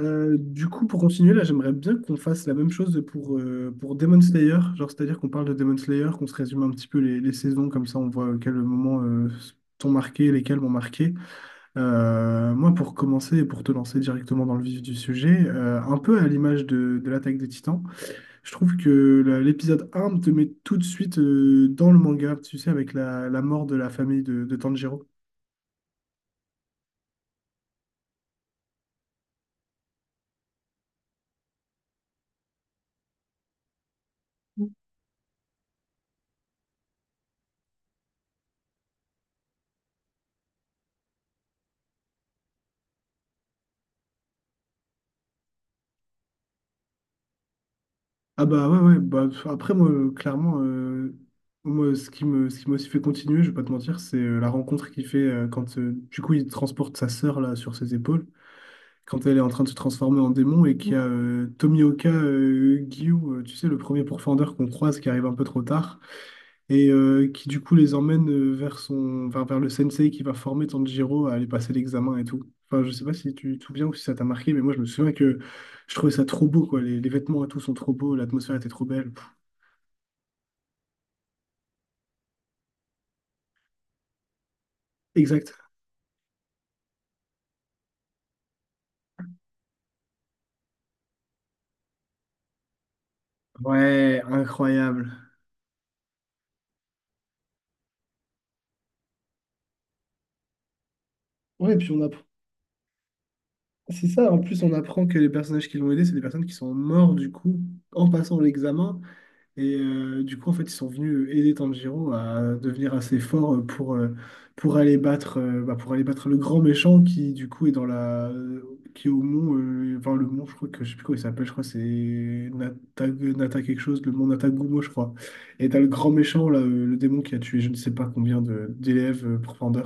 Pour continuer, là, j'aimerais bien qu'on fasse la même chose pour Demon Slayer. Genre, c'est-à-dire qu'on parle de Demon Slayer, qu'on se résume un petit peu les saisons, comme ça on voit à quel moment t'ont marqué, lesquels m'ont marqué. Moi, pour commencer et pour te lancer directement dans le vif du sujet, un peu à l'image de l'Attaque des Titans, je trouve que l'épisode 1 te met tout de suite dans le manga, tu sais, avec la mort de la famille de Tanjiro. Ah bah ouais, ouais, après moi, clairement, moi, ce qui m'a aussi fait continuer, je vais pas te mentir, c'est la rencontre qu'il fait quand, il transporte sa sœur, là, sur ses épaules, quand elle est en train de se transformer en démon, et qu'il y a Tomioka Gyu, tu sais, le premier pourfendeur qu'on croise, qui arrive un peu trop tard, et qui, du coup, les emmène vers son, enfin, vers le sensei qui va former Tanjiro à aller passer l'examen et tout. Enfin, je sais pas si tu te souviens ou si ça t'a marqué, mais moi, je me souviens que je trouvais ça trop beau, quoi. Les vêtements et tout sont trop beaux, l'atmosphère était trop belle. Exact. Ouais, incroyable. Ouais, puis on apprend. C'est ça, en plus on apprend que les personnages qui l'ont aidé, c'est des personnes qui sont mortes du coup en passant l'examen. Et en fait, ils sont venus aider Tanjiro à devenir assez fort pour aller battre, pour aller battre le grand méchant qui du coup est dans la. Qui est au mont. Enfin, le mont, je crois que je sais plus comment il s'appelle, je crois que c'est Nata quelque chose, le mont Natagumo, je crois. Et t'as le grand méchant, là, le démon qui a tué je ne sais pas combien d'élèves pour Pander.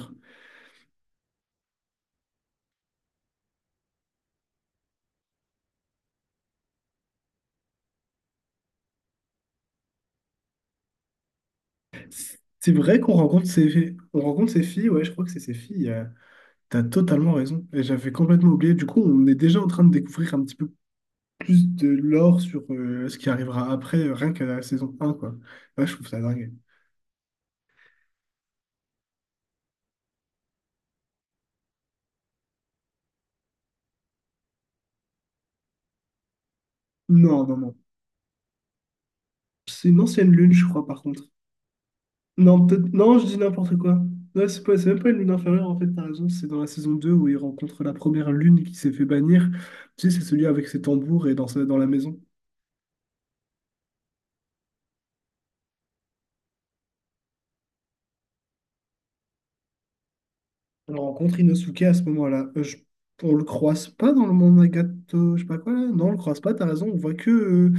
C'est vrai qu'on rencontre on rencontre ces filles, ouais, je crois que c'est ces filles. T'as totalement raison. Et j'avais complètement oublié. Du coup, on est déjà en train de découvrir un petit peu plus de lore sur ce qui arrivera après, rien qu'à la saison 1 quoi. Ouais, je trouve ça dingue. Non, non, non. C'est une ancienne lune, je crois, par contre. Non, peut-être. Non, je dis n'importe quoi. Non, c'est pas... c'est même pas une lune inférieure, en fait, t'as raison. C'est dans la saison 2 où il rencontre la première lune qui s'est fait bannir. Tu sais, c'est celui avec ses tambours et dans la maison. On rencontre Inosuke à ce moment-là. On le croise pas dans le monde Nagato, je sais pas quoi là. Non, on le croise pas, t'as raison. On voit que,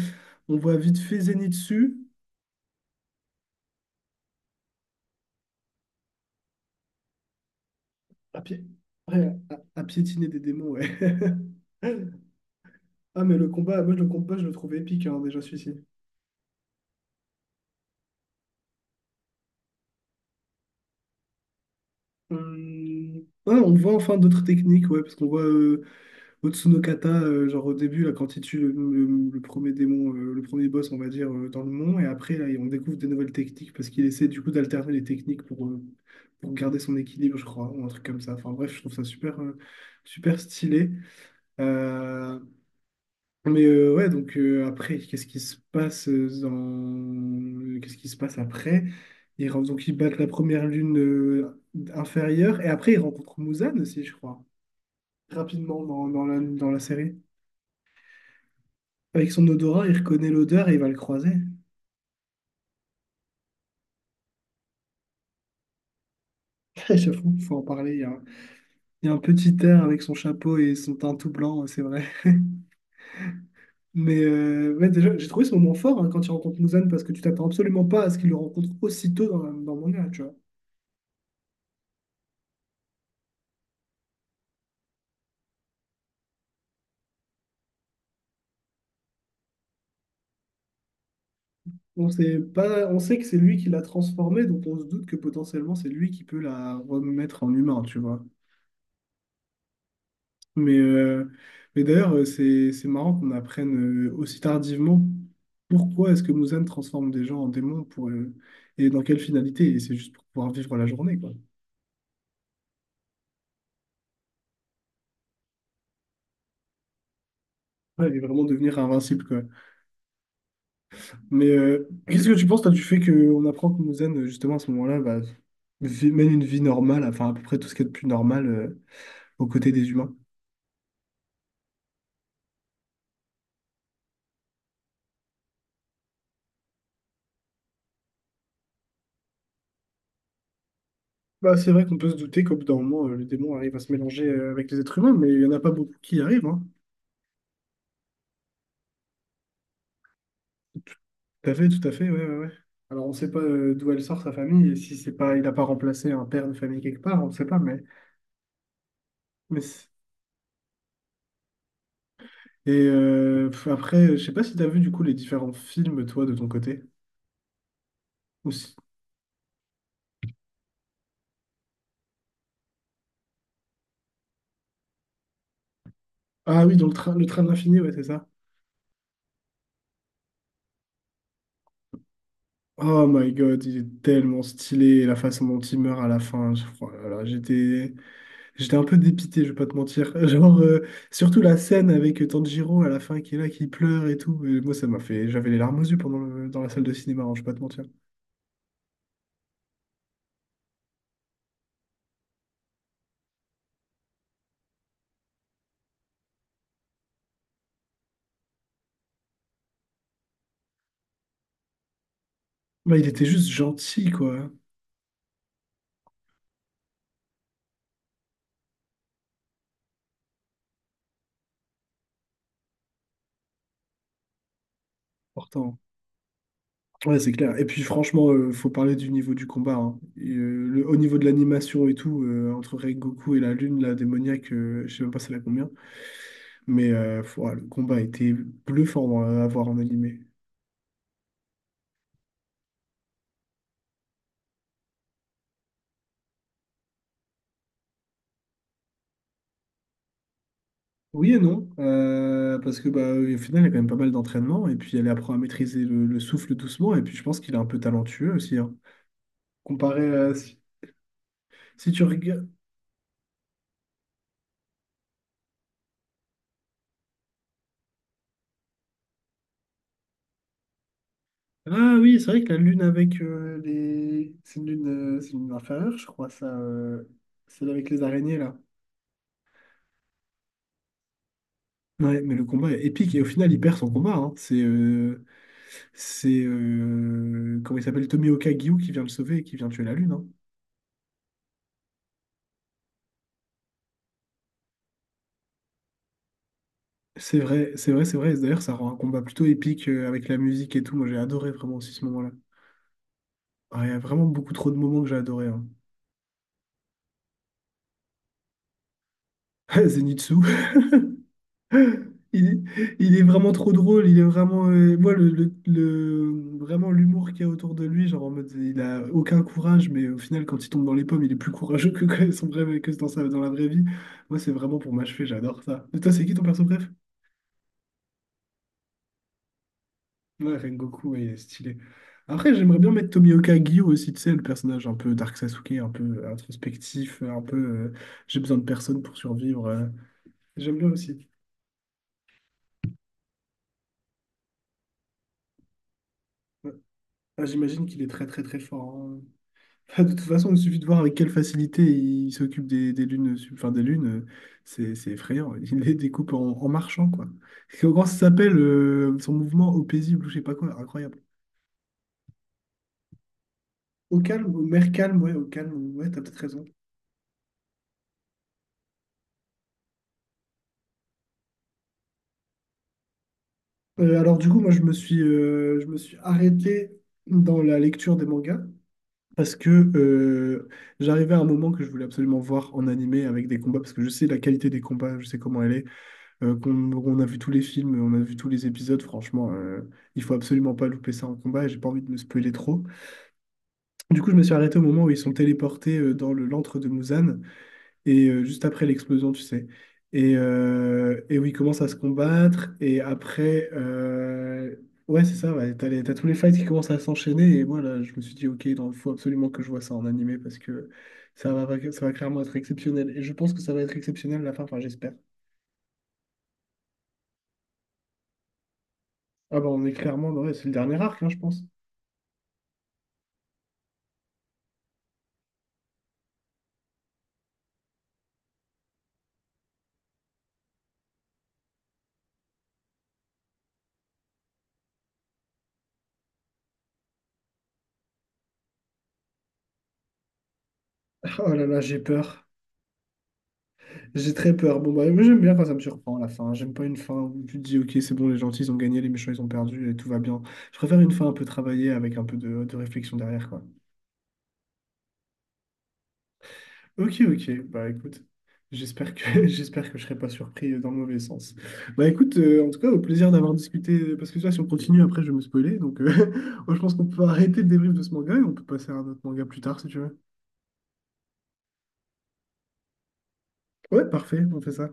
on voit vite fait Zenitsu à, pied, ouais, à piétiner des démons, ouais. Ah, mais le combat, moi je le trouve épique hein, déjà celui-ci. Ah, on voit enfin d'autres techniques, ouais, parce qu'on voit Otsunokata, genre au début, là, quand il tue le premier démon, le premier boss, on va dire, dans le mont, et après, là, on découvre des nouvelles techniques parce qu'il essaie du coup d'alterner les techniques pour garder son équilibre, je crois, ou un truc comme ça. Enfin bref, je trouve ça super, super stylé. Euh, ouais, donc après, qu'est-ce qui se passe qu'est-ce qui se passe après? Donc ils battent la première lune inférieure, et après, ils rencontrent Muzan aussi, je crois, rapidement dans dans la série. Avec son odorat, il reconnaît l'odeur et il va le croiser. J'avoue, il faut en parler. Il y a un petit air avec son chapeau et son teint tout blanc, c'est vrai. Mais ouais, déjà, j'ai trouvé ce moment fort hein, quand il rencontre Muzan parce que tu t'attends absolument pas à ce qu'il le rencontre aussitôt dans le manga, tu vois. On sait pas, on sait que c'est lui qui l'a transformé, donc on se doute que potentiellement c'est lui qui peut la remettre en humain, tu vois. Mais, euh, mais d'ailleurs, c'est marrant qu'on apprenne aussi tardivement pourquoi est-ce que Muzan transforme des gens en démons pour, et dans quelle finalité. Et c'est juste pour pouvoir vivre la journée, quoi. Ouais, et vraiment devenir invincible, quoi. Mais qu'est-ce que tu penses, toi, du fait qu'on apprend que Muzan, justement, à ce moment-là, bah, mène une vie normale, enfin à peu près tout ce qu'il y a de plus normal aux côtés des humains? Bah, c'est vrai qu'on peut se douter qu'au bout d'un moment, le démon arrive à se mélanger avec les êtres humains, mais il n'y en a pas beaucoup qui y arrivent, hein. Tout à fait, ouais, ouais, ouais. Alors, on ne sait pas d'où elle sort sa famille, et si c'est pas, il n'a pas remplacé un père de famille quelque part, on ne sait pas, mais... mais c'est- après, je sais pas si tu as vu, du coup, les différents films, toi, de ton côté. Ou si- Ah oui, dans le train de l'infini, ouais, c'est ça. Oh my god, il est tellement stylé, et la façon dont il meurt à la fin, oh là là, j'étais... J'étais un peu dépité, je vais pas te mentir. Genre, surtout la scène avec Tanjiro à la fin qui est là, qui pleure et tout. Et moi, ça m'a fait... J'avais les larmes aux yeux pendant dans la salle de cinéma, hein, je vais pas te mentir. Bah, il était juste gentil, quoi, hein, pourtant. Ouais, c'est clair. Et puis franchement, faut parler du niveau du combat, hein. Et, au niveau de l'animation et tout, entre Rengoku et la lune, la démoniaque, je sais même pas c'est la combien. Mais ouais, le combat était bluffant à voir en animé. Oui et non, parce que bah, au final, il y a quand même pas mal d'entraînement, et puis elle apprend à maîtriser le souffle doucement, et puis je pense qu'il est un peu talentueux aussi, hein. Comparé à... Si, si tu regardes... Ah oui, c'est vrai que la lune avec les. c'est une lune, c'est une lune inférieure, je crois, ça. Celle avec les araignées, là. Ouais, mais le combat est épique et au final, il perd son combat, hein. C'est. C'est. Comment il s'appelle? Tomioka Gyu qui vient le sauver et qui vient tuer la lune, hein. C'est vrai, c'est vrai, c'est vrai. D'ailleurs, ça rend un combat plutôt épique avec la musique et tout. Moi, j'ai adoré vraiment aussi ce moment-là. Ah, il y a vraiment beaucoup trop de moments que j'ai adoré, hein. Zenitsu, il est, il est vraiment trop drôle, il est vraiment... moi, vraiment l'humour qu'il y a autour de lui, genre en mode, il a aucun courage, mais au final, quand il tombe dans les pommes, il est plus courageux que son vrai, que dans sa, dans la vraie vie. Moi, c'est vraiment pour m'achever, j'adore ça. Et toi, c'est qui ton perso bref? Ouais, Rengoku, ouais, il est stylé. Après, j'aimerais bien mettre Tomioka Gyo aussi, tu sais, le personnage un peu Dark Sasuke, un peu introspectif, un peu j'ai besoin de personne pour survivre. J'aime bien aussi. Ouais. Ah, j'imagine qu'il est très très très fort, hein. Bah, de toute façon, il suffit de voir avec quelle facilité il s'occupe des lunes, enfin des lunes, c'est effrayant. Il les découpe en, en marchant, quoi. Et comment ça s'appelle son mouvement au paisible ou je sais pas quoi, incroyable. Au calme, au mer calme, ouais, au calme, ouais, t'as peut-être raison. Alors du coup, moi je me suis arrêté dans la lecture des mangas parce que euh, j'arrivais à un moment que je voulais absolument voir en animé avec des combats parce que je sais la qualité des combats, je sais comment elle est. Qu'on on a vu tous les films, on a vu tous les épisodes. Franchement, il faut absolument pas louper ça en combat. Et j'ai pas envie de me spoiler trop. Du coup, je me suis arrêté au moment où ils sont téléportés dans le l'antre de Muzan et juste après l'explosion, tu sais. Et où ils commencent à se combattre. Et après, ouais, c'est ça. Ouais, t'as tous les fights qui commencent à s'enchaîner. Et moi, là, je me suis dit, ok, il faut absolument que je vois ça en animé parce que ça va clairement être exceptionnel. Et je pense que ça va être exceptionnel à la fin. Enfin, j'espère. Ah bah on est clairement, ouais, c'est le dernier arc, hein, je pense. Oh là là, j'ai peur. J'ai très peur. Bon, bah, moi, j'aime bien quand ça me surprend la fin. J'aime pas une fin où tu te dis, ok, c'est bon, les gentils, ils ont gagné, les méchants, ils ont perdu et tout va bien. Je préfère une fin un peu travaillée avec un peu de réflexion derrière, quoi. Ok, ok. Bah, écoute, j'espère que, j'espère que je serai pas surpris dans le mauvais sens. Bah, écoute, en tout cas, au plaisir d'avoir discuté. Parce que ça, si on continue, après, je vais me spoiler. Donc, moi, je pense qu'on peut arrêter le débrief de ce manga et on peut passer à un autre manga plus tard, si tu veux. Ouais, parfait, on fait ça.